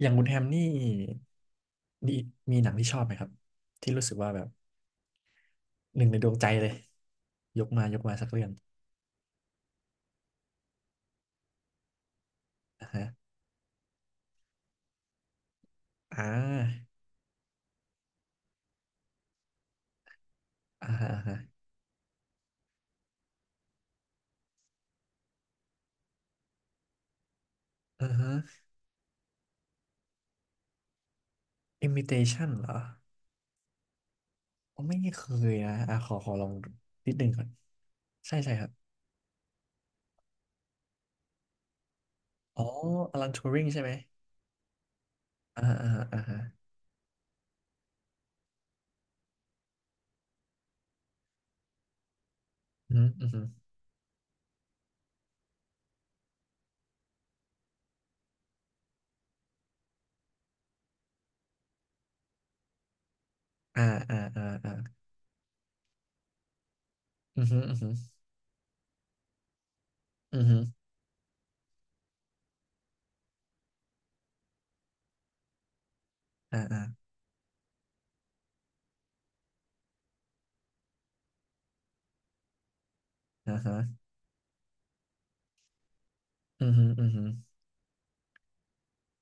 อย่างคุณแฮมนี่ดีมีหนังที่ชอบไหมครับที่รู้สึกว่าแบบหนึ่งในดวงใจเลยยกมายกมาสักเรื่องอ่าฮะอ่าอ่าฮะอ่าฮะอ่าฮะ Imitation เหรออ๋อไม่เคยนะอ่าขอลองนิดนึงก่อนใช่ใช่ครับอ๋ออลันทูริงใช่ไหมอ่าอ่าอ่าฮะอืมอืมอ่าอ่าอ่าอ่าอืมอืมอืมอ่าอ่าอ่าฮะอืมอืมอืม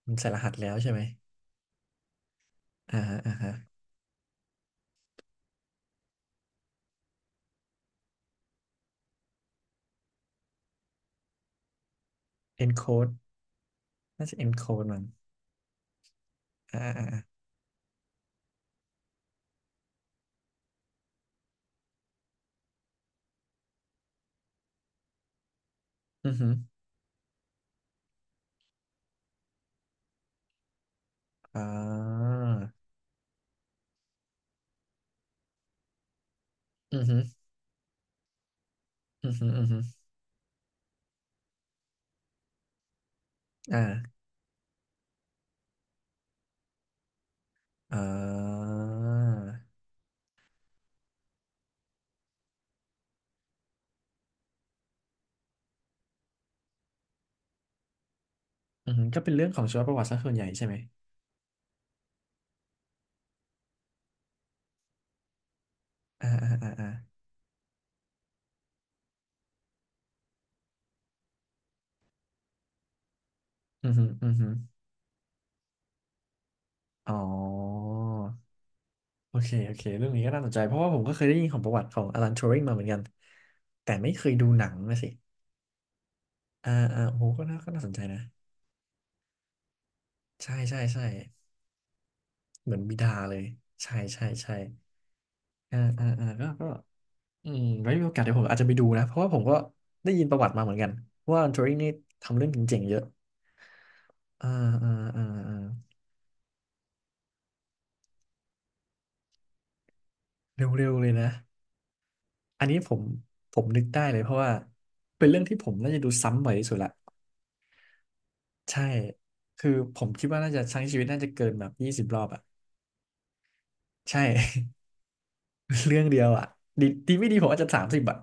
มันใส่รหัสแล้วใช่ไหมอ่าฮะอ่าฮะ encode น่าจะ encode มั้ง อ่าอ่าอือหืออ่าอือหืออือหืออือหืออ่าอ่าอือหือก็เป็นเรื่องของชีวประวัติซะส่วนใหญ่ใช่ไหมอ่าอ่าอ่าอ่าอือหืออือหืออ๋อโอเคโอเคเรื่องนี้ก็น่าสนใจเพราะว่าผมก็เคยได้ยินของประวัติของอลันทูริงมาเหมือนกันแต่ไม่เคยดูหนังนะสิ อ่าอ่าโอ้โหก็น่าก็น่าสนใจนะใช่ใช่ใช่เหมือนบิดาเลยใช่ใช่ใช่อ่าอ่าอ่าก็ อืมไว้มีโอกาสเดี๋ยวผมอาจจะไปดูนะเพราะว่าผมก็ได้ยินประวัติมาเหมือนกันว่าทัวริงนี่ทำเรื่องเจ๋งๆเยอะอ่าอ่าอ่าอ่าเร็วๆเลยนะอันนี้ผมนึกได้เลยเพราะว่าเป็นเรื่องที่ผมน่าจะดูซ้ำบ่อยที่สุดละใช่คือผมคิดว่าน่าจะทั้งชีวิตน่าจะเกินแบบ20 รอบอ่ะใช่ เรื่องเดียวอ่ะดีดีไม่ดีผมอาจจะ30อ่ะ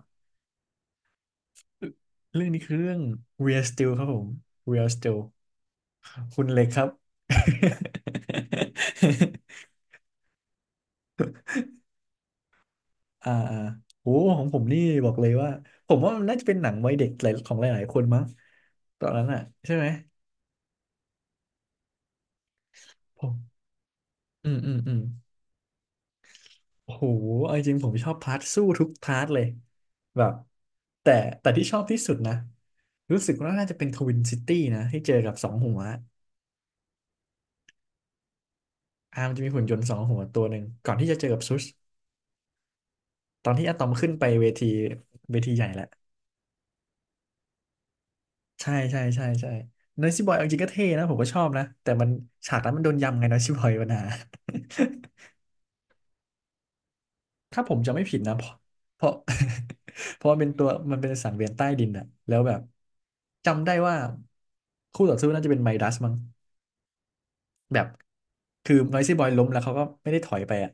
เรื่องนี้คือเรื่อง Real Steel ครับผม Real Steel คุณเล็กครับ อ่าอ่าโอ้ของผมนี่บอกเลยว่าผมว่ามันน่าจะเป็นหนังวัยเด็กหลายของหลายๆคนมั้งตอนนั้นอ่ะใช่ไหมผมอืมอืมอืมโอ้โหเอาจริงๆผมชอบพาร์ทสู้ทุกพาร์ทเลยแบบแต่ที่ชอบที่สุดนะรู้สึกว่าน่าจะเป็นทวินซิตี้นะที่เจอกับสองหัวอ่ามันจะมีหุ่นยนต์สองหัวตัวหนึ่งก่อนที่จะเจอกับซุสตอนที่อะตอมขึ้นไปเวทีใหญ่แล้ว ใช่ใช่ใช่ใช่นอยซี่บอยเอาจริงก็เท่นะผมก็ชอบนะแต่มันฉากนั้นมันโดนยำไงนอยซี่บอยปัญหา ถ้าผมจะไม่ผิดนะเพราะเพราะ เพราะมันเป็นตัวมันเป็นสังเวียนใต้ดินอะแล้วแบบจำได้ว่าคู่ต่อสู้น่าจะเป็นไมดัสมั้งแบบคือนอยซี่บอยล้มแล้วเขาก็ไม่ได้ถอยไปอะ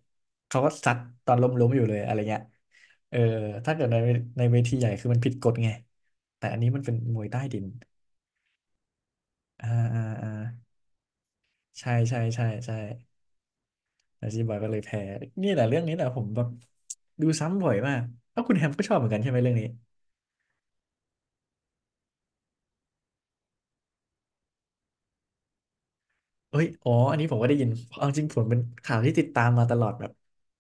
เขาก็ซัดตอนล้มอยู่เลยอะไรเงี้ยเออถ้าเกิดในเวทีใหญ่คือมันผิดกฎไงแต่อันนี้มันเป็นมวยใต้ดินอ่าอ่าอ่าใช่ใช่ใช่ใช่ อาชีพบอยก็เลยแพ้นี่แหละเรื่องนี้แหละผมแบบดูซ้ำบ่อยมากเอ้าคุณแฮมก็ชอบเหมือนกันใช่ไหมเรื่องนี้เอ้ยอ๋ออันนี้ผมก็ได้ยินเอาจริงผมเป็นข่าวที่ติดตามมาตลอดแบบ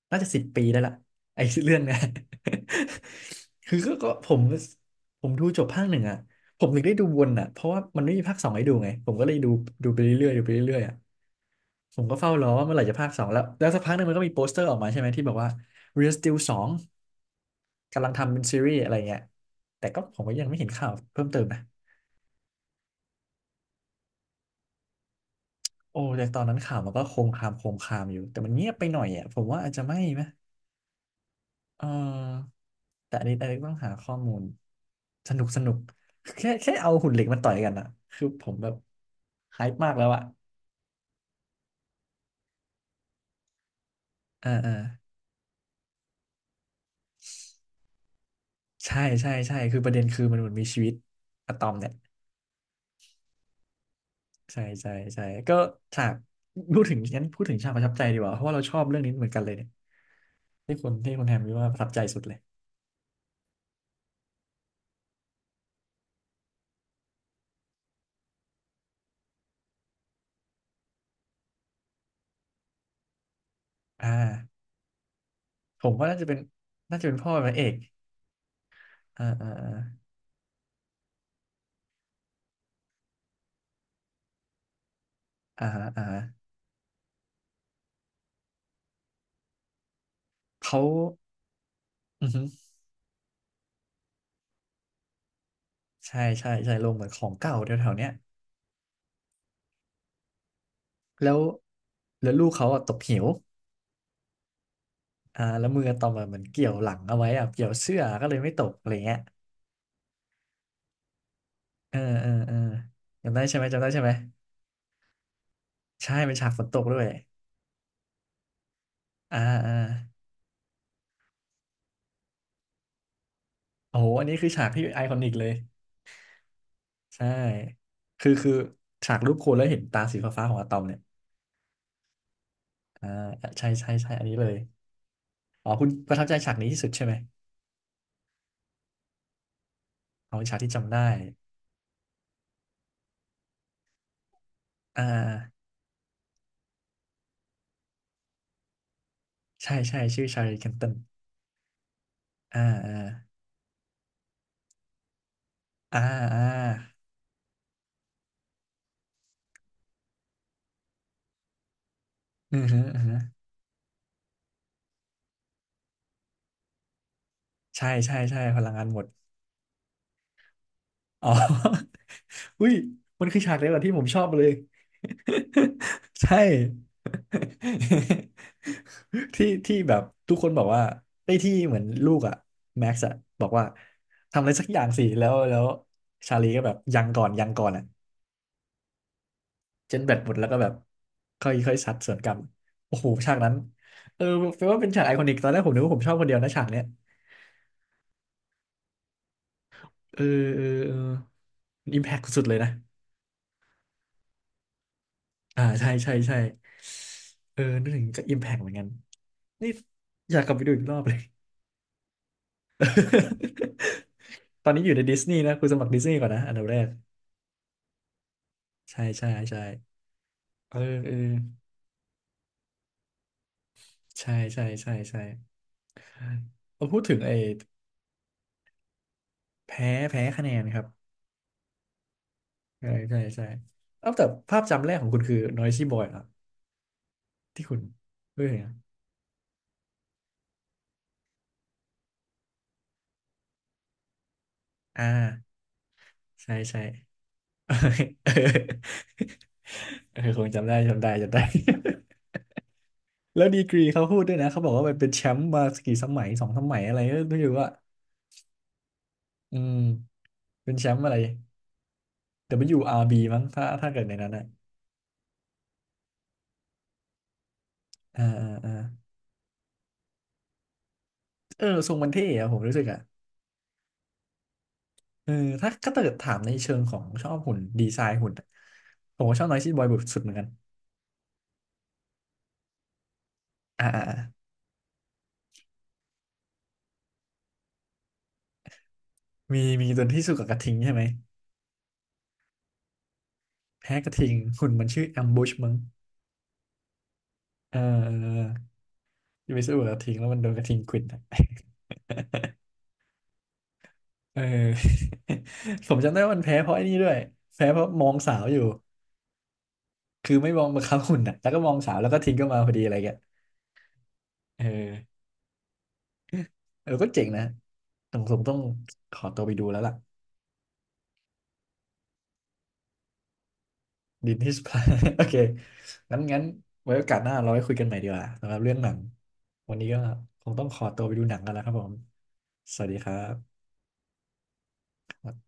น่าจะ10 ปีได้ละไอ้เรื่องเนี้ย คือก็ผมดูจบภาคหนึ่งอ่ะผมถึงได้ดูวนอ่ะเพราะว่ามันไม่มีภาคสองให้ดูไงผมก็เลยดูดูไปเรื่อยๆดูไปเรื่อยๆอ่ะผมก็เฝ้ารอว่าเมื่อไหร่จะภาคสองแล้วแล้วสักพักหนึงมันก็มีโปสเตอร์ออกมาใช่ไหมที่บอกว่า Real Steel สอง กำลังทำเป็นซีรีส์อะไรเงี้ยแต่ก็ผมก็ยังไม่เห็นข่าวเพิ่มเติมนะโอ้แต่ตอนนั้นข่าวมันก็โคมคามโคมคามอยู่ แต่มันเงียบไปหน่อยอ่ะผมว่าอาจจะไม่ไหมเออแต่อันนี้ต้องหาข้อมูล สนุกสนุกแค่เอาหุ่นเหล็กมาต่อยกันอ่ะคือผมแบบไฮป์มากแล้วอ่ะอ่าอ่าใช่ใช่ใช่คือประเด็นคือมันเหมือนมีชีวิตอะตอมเนี่ยใช่ใช่ใช่ก็ฉากพูดถึงงั้นพูดถึงฉากประทับใจดีกว่าเพราะว่าเราชอบเรื่องนี้เหมือนกันเลยเนี่ยที่คนแฮมคิดว่าประทับใจสุดเลยอ่า ผมว่าน่าจะเป็นพ่อเป็นพระเอกอ่าอ่าอ่าอ่าอ่าเขาอือฮึใช่ใช่ใช่ลงเหมือนของเก่าแถวๆเนี้ยแล้วลูกเขาอะตกเหวอ่าแล้วมืออะตอมอะเหมือนเกี่ยวหลังเอาไว้อะเกี่ยวเสื้อก็เลยไม่ตกอะไรเงี้ยเออเออเออจำได้ใช่ไหมจำได้ใช่ไหมใช่เป็นฉากฝนตกด้วยอ่าอ่าโอ้โหอันนี้คือฉากที่ไอคอนิกเลยใช่คือฉากรูปโคนแล้วเห็นตาสีฟ้าๆของอะตอมเนี่ยอ่าใช่ใช่ใช่อันนี้เลย อ๋อคุณประทับใจฉากนี้ที่สุดใช่ไหมเอาฉากที่จำได้อ่าใช่ใช่ชื่อชาลีแคนตันอ่าอ่าอ่าอือฮึอือฮึใช่ใช่ใช่พลังงานหมดอ๋อ อุ้ยมันคือฉากเดียวกับที่ผมชอบเลย ใช่ ที่ที่แบบทุกคนบอกว่าไอ้ยที่เหมือนลูกอะแม็กซ์อะบอกว่าทำอะไรสักอย่างสิแล้วชาลีก็แบบยังก่อนยังก่อนอะ เจ็ตแบตหมดแล้วก็แบบค่อยค่อยซัดสวนกลับโอ้โหฉากนั้นเออแปลว่าเป็นฉากไอคอนิกตอนแรกผมนึกว่าผมชอบคนเดียวนะฉากเนี้ยเออเออเอออิมแพคสุดๆเลยนะใช่ใช่ใช่เออนึกถึงก็อิมแพคเหมือนกันนี่อยากกลับไปดูอีกรอบเลย ตอนนี้อยู่ในดิสนีย์นะคุณสมัครดิสนีย์ก่อนนะอันดับแรกใช่ใช่ใช่เออเออใช่ใช่ใช่ใช่เอาพูดถึงไอ้แพ้แพ้คะแนนครับ ใช่ใช่ใช่เอ้าแต่ภาพจำแรกของคุณคือ Noisy Boy เหรอที่คุณเฮ้ยอเนะอ่าใช่ใช่ เออเออคงจำได้จำได้จำได้ แล้วดีกรีเขาพูดด้วยนะเขาบอกว่ามันเป็นแชมป์มากี่สมัยสองสมัยอะไรก็ไม่รู้ว่าอืมเป็นแชมป์อะไร WRB มั้งถ้าเกิดในนั้นอะอ่าอ่าอ่าเออทรงมันเท่อะผมรู้สึกอะเออถ้าเกิดถามในเชิงของชอบหุ่นดีไซน์หุ่นอะผมก็ชอบ Noisy Boy สุดเหมือนกันอ่าอ่า มีตัวที่สู้กับกระทิงใช่ไหมแพ้กระทิงหุ่นมันชื่อแอมบูชมั้งเออเออที่ไปสู้กับกระทิงแล้วมันโดนกระทิงขวิด อะเออ ผมจำได้ว่ามันแพ้เพราะไอ้นี่ด้วยแพ้เพราะมองสาวอยู่คือไม่มองมาเขาหุ่นอ่ะแล้วก็มองสาวแล้วก็ทิ้งก็มาพอดีอะไรเงี้ยเออเออก็เจ๋งนะต้องผมต้องขอตัวไปดูแล้วล่ะดินที่สุด โอเคงั้นงั้นไว้โอกาสหน้าเราไว้คุยกันใหม่ดีกว่าสำหรับเรื่องหนังวันนี้ก็คงต้องขอตัวไปดูหนังกันแล้วครับผมสวัสดีครับ ครับ